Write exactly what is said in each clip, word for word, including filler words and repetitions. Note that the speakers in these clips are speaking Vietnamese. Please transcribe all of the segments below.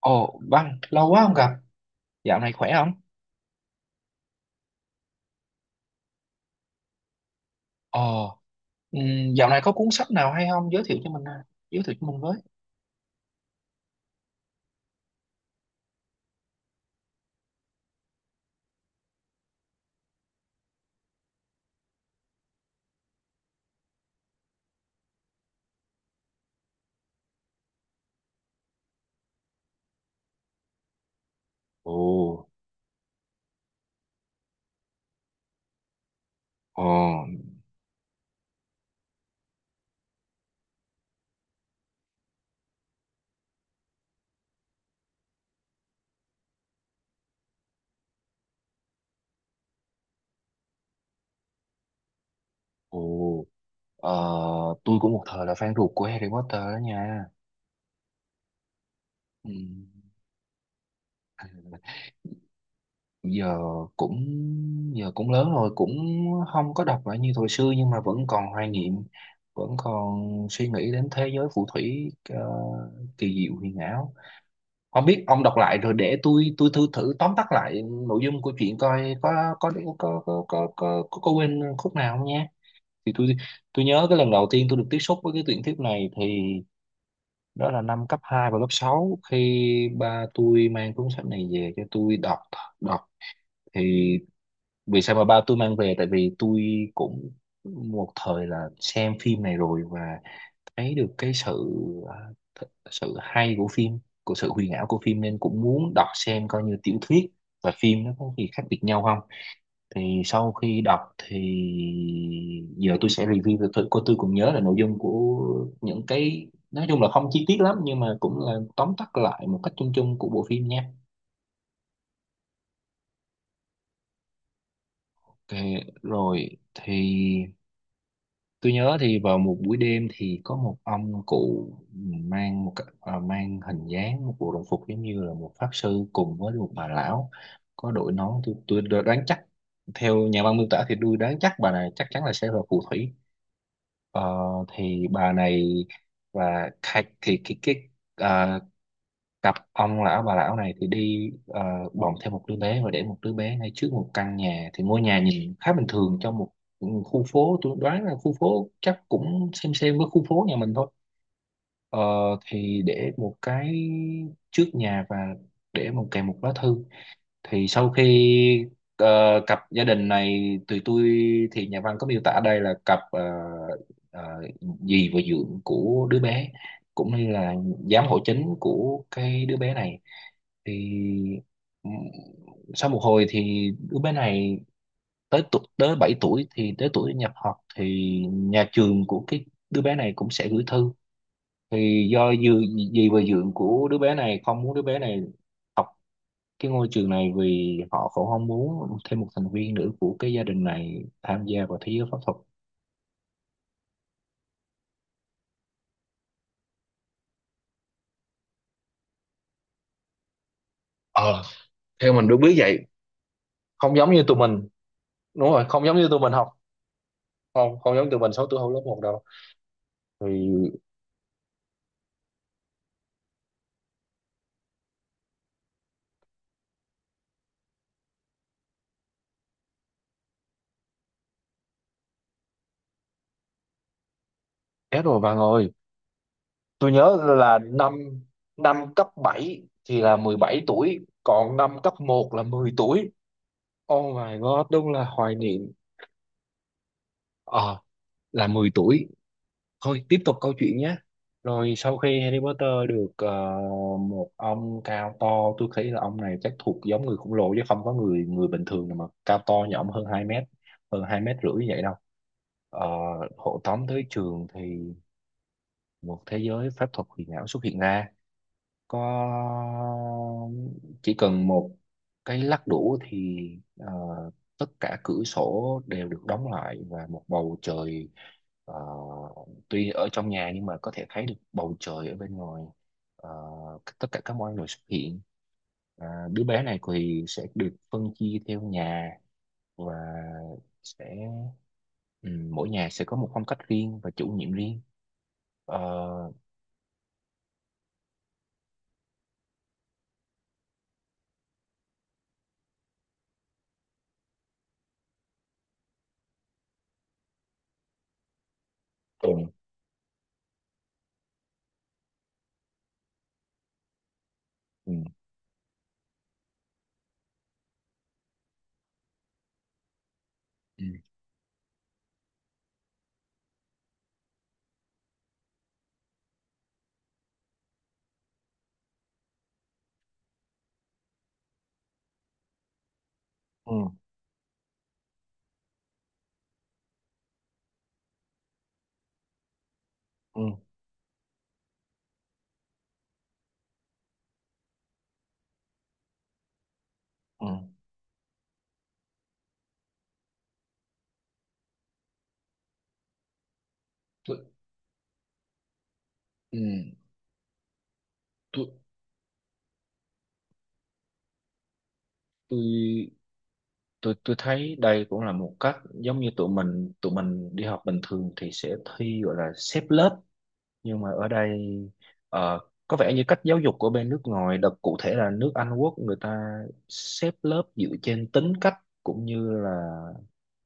Ồ, Văn, lâu quá không gặp. Dạo này khỏe không? Ồ, ừm, dạo này có cuốn sách nào hay không? Giới thiệu cho mình, à. Giới thiệu cho mình với. Ồ, ồ, ồ, ờ, tôi cũng một thời là fan ruột của Harry Potter đó nha. Ừm, giờ cũng giờ cũng lớn rồi, cũng không có đọc lại như thời xưa nhưng mà vẫn còn hoài niệm, vẫn còn suy nghĩ đến thế giới phù thủy ờ, kỳ diệu huyền ảo. Không biết ông đọc lại rồi để tôi tôi thử thử tóm tắt lại nội dung của chuyện coi có có có có có có có, có quên khúc nào không nhé. Thì tôi tôi nhớ cái lần đầu tiên tôi được tiếp xúc với cái tuyển thuyết này thì đó là năm cấp hai và lớp sáu khi ba tôi mang cuốn sách này về cho tôi đọc đọc thì vì sao mà ba tôi mang về, tại vì tôi cũng một thời là xem phim này rồi và thấy được cái sự à, th- sự hay của phim, của sự huyền ảo của phim nên cũng muốn đọc xem coi như tiểu thuyết và phim nó có gì khác biệt nhau không. Thì sau khi đọc thì giờ tôi sẽ review cho tôi cô tôi cũng nhớ là nội dung của những cái, nói chung là không chi tiết lắm nhưng mà cũng là tóm tắt lại một cách chung chung của bộ phim nha. Ok, rồi thì tôi nhớ thì vào một buổi đêm thì có một ông cụ mang một cái- à, mang hình dáng một bộ đồng phục giống như là một pháp sư cùng với một bà lão có đội nón. Tôi tôi đoán chắc theo nhà văn miêu tả thì tôi đoán chắc bà này chắc chắn là sẽ là phù thủy. Ờ, thì bà này và khai- thì cái cái à, cặp ông lão bà lão này thì đi, ờ, bồng thêm một đứa bé và để một đứa bé ngay trước một căn nhà. Thì ngôi nhà nhìn khá bình thường trong một khu phố, tôi đoán là khu phố chắc cũng xem xem với khu phố nhà mình thôi. Ờ, thì để một cái trước nhà và để một kèm một lá thư. Thì sau khi ờ, cặp gia đình này tụi tôi thì nhà văn có miêu tả đây là cặp ờ, ờ, dì và dượng của đứa bé, cũng như là giám hộ chính của cái đứa bé này. Thì ừm, sau một hồi thì đứa bé này tới tuổi, tới bảy tuổi thì tới tuổi nhập học thì nhà trường của cái đứa bé này cũng sẽ gửi thư. Thì do dì, dì và dượng của đứa bé này không muốn đứa bé này cái ngôi trường này vì họ cũng không muốn thêm một thành viên nữa của cái gia đình này tham gia vào thế giới pháp thuật. Ờ, theo mình vậy. Không giống như tụi mình. Đúng rồi, không giống như tụi mình học. Không không giống tụi mình sáu tuổi học lớp một đâu. Thì chết rồi bạn ơi, tôi nhớ là năm năm cấp bảy thì là mười bảy tuổi còn năm cấp một là mười tuổi. Oh my god, đúng là hoài niệm. Ờ, là mười tuổi. Thôi tiếp tục câu chuyện nhé. Rồi sau khi Harry Potter được, ờ, một ông cao to, tôi thấy là ông này chắc thuộc giống người khổng lồ chứ không có người người bình thường nào mà cao to như ông, hơn hai mét, hơn hai mét rưỡi như vậy đâu. Ờ, hộ tống tới trường thì một thế giới pháp thuật huyền ảo xuất hiện ra. Có chỉ cần một cái lắc đũa thì, ờ, tất cả cửa sổ đều được đóng lại và một bầu trời, ờ, tuy ở trong nhà nhưng mà có thể thấy được bầu trời ở bên ngoài. Ờ, tất cả các mọi người xuất hiện. À, đứa bé này thì sẽ được phân chia theo nhà và sẽ, ừ, mỗi nhà sẽ có một phong cách riêng và chủ nhiệm riêng. Ờ, ừ, ừ, ừ, ừ, ừ. Ừ. Tôi, ừ. Tôi, tôi tôi tôi thấy đây cũng là một cách giống như tụi mình tụi mình đi học bình thường thì sẽ thi gọi là xếp lớp, nhưng mà ở đây ờ, có vẻ như cách giáo dục của bên nước ngoài đặc cụ thể là nước Anh Quốc, người ta xếp lớp dựa trên tính cách cũng như là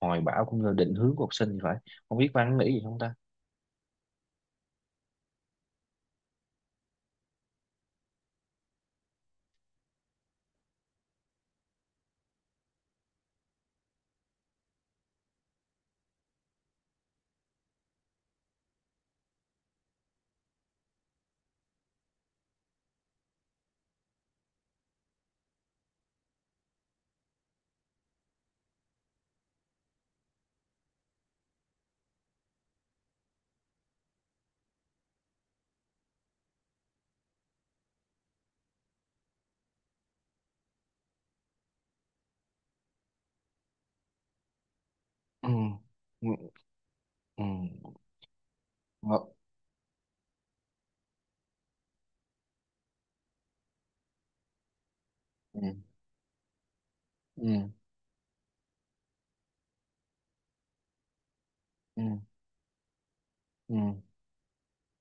hoài bão cũng như định hướng của học sinh thì phải. Không biết Văn nghĩ gì không ta? Ừ, ừ, ừ. Ờ, ừ, ừ, ừ, ừ.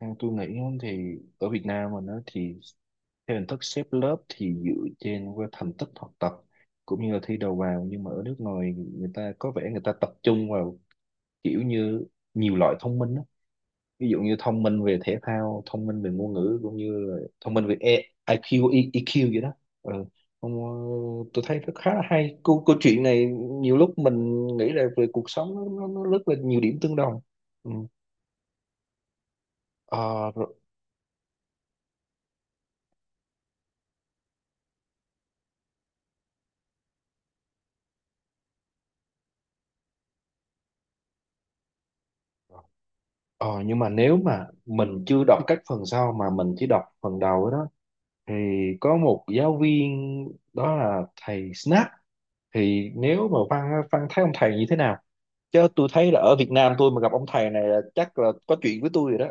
Theo tôi nghĩ á, thì ở Việt Nam mình đó thì theo hình thức xếp lớp thì dựa trên qua thành tích học tập cũng như là thi đầu vào, nhưng mà ở nước ngoài người ta có vẻ người ta tập trung vào kiểu như nhiều loại thông minh đó. Ví dụ như thông minh về thể thao, thông minh về ngôn ngữ cũng như là thông minh về E- i kiu, E- i kiu vậy đó. Ừ. Không, ờ, tôi thấy rất khá là hay. Câu, câu chuyện này nhiều lúc mình nghĩ là về cuộc sống nó, nó, nó rất là nhiều điểm tương đồng. Ừ. Ờ, Ờ, nhưng mà nếu mà mình chưa đọc các phần sau mà mình chỉ đọc phần đầu ấy đó thì có một giáo viên đó là thầy Snap. Thì nếu mà Văn á, Văn thấy ông thầy như thế nào? Chứ tôi thấy là ở Việt Nam tôi mà gặp ông thầy này là chắc là có chuyện với tôi rồi đó.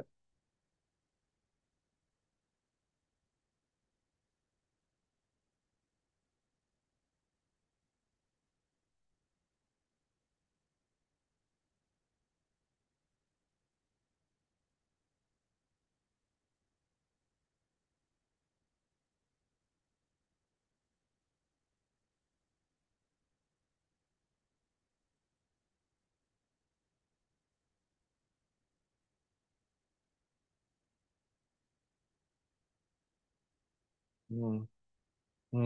Ừ, ừ,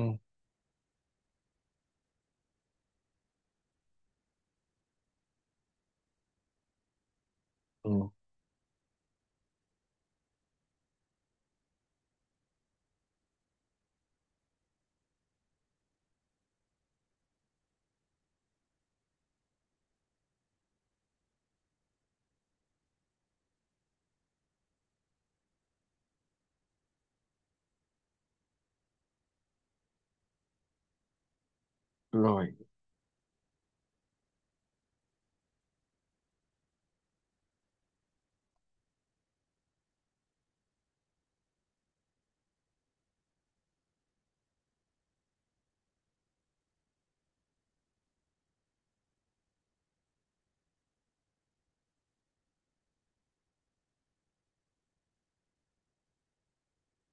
ừ, rồi,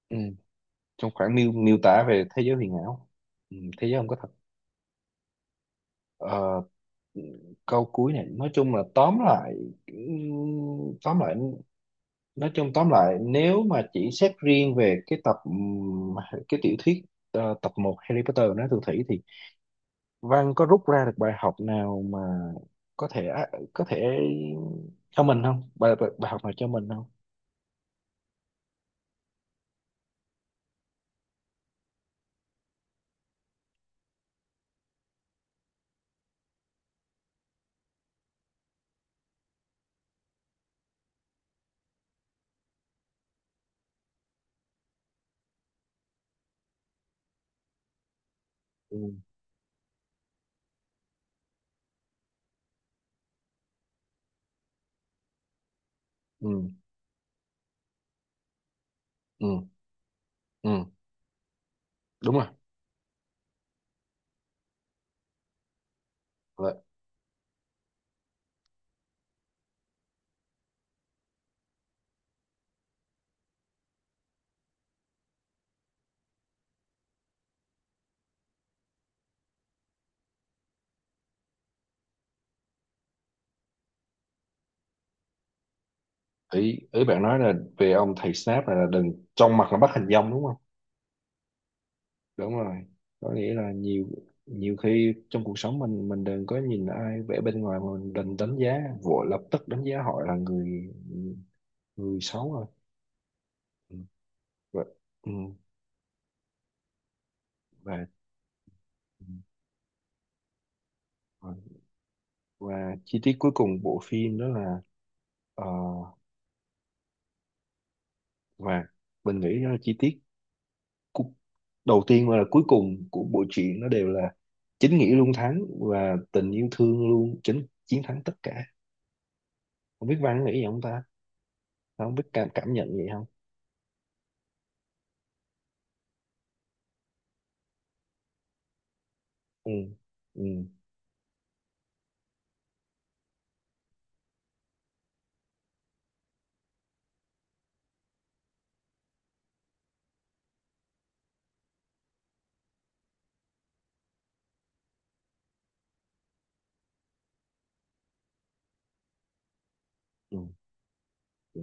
ừ. Trong khoảng miêu miêu tả về thế giới huyền ảo, ừ, thế giới không có thật. Ờ, câu cuối này nói chung là tóm lại, ừ, tóm lại, nói chung tóm lại nếu mà chỉ xét riêng về cái tập, ừm, cái tiểu thuyết, ờ, tập một Harry Potter nói Phù Thủy, thì Văn có rút ra được bài học nào mà có thể, có thể cho mình không, bài bài, bài học nào cho mình không? Ừ, ừ, ừ, ừ. Đúng rồi. Là, ý ý bạn nói là về ông thầy Snape này là đừng trong mặt là bắt hình dong đúng. Đúng rồi, có nghĩa là nhiều, nhiều khi trong cuộc sống mình mình đừng có nhìn ai vẻ bên ngoài mà mình đừng đánh giá vội lập tức đánh giá họ là người, người xấu rồi. Ừ. Và, ừ. Và và và chi tiết cuối cùng bộ phim đó là, ờ, và mình nghĩ đó là chi tiết cu- đầu tiên và là cuối cùng của bộ truyện nó đều là chính nghĩa luôn thắng và tình yêu thương luôn chính chiến thắng tất cả. Không biết Văn nghĩ gì không ta? Không biết cảm, cảm nhận gì không? Ừ, ừ, ừ, ừ,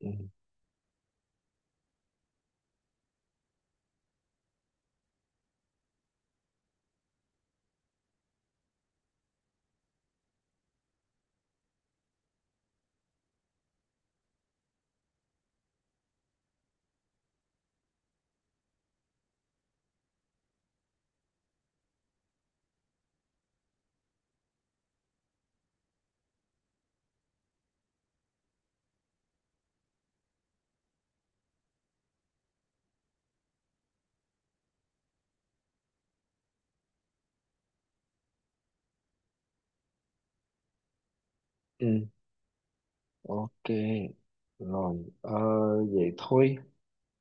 ừ, ừ, ok. Rồi ờ, vậy thôi.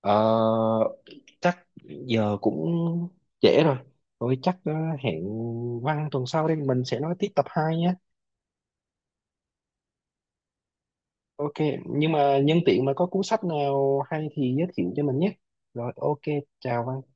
Ờ, chắc giờ cũng trễ rồi, thôi chắc, ờ, hẹn Văn tuần sau, đây mình sẽ nói tiếp tập hai nhé. Ok, nhưng mà nhân tiện mà có cuốn sách nào hay thì giới thiệu cho mình nhé. Rồi ok, chào Văn.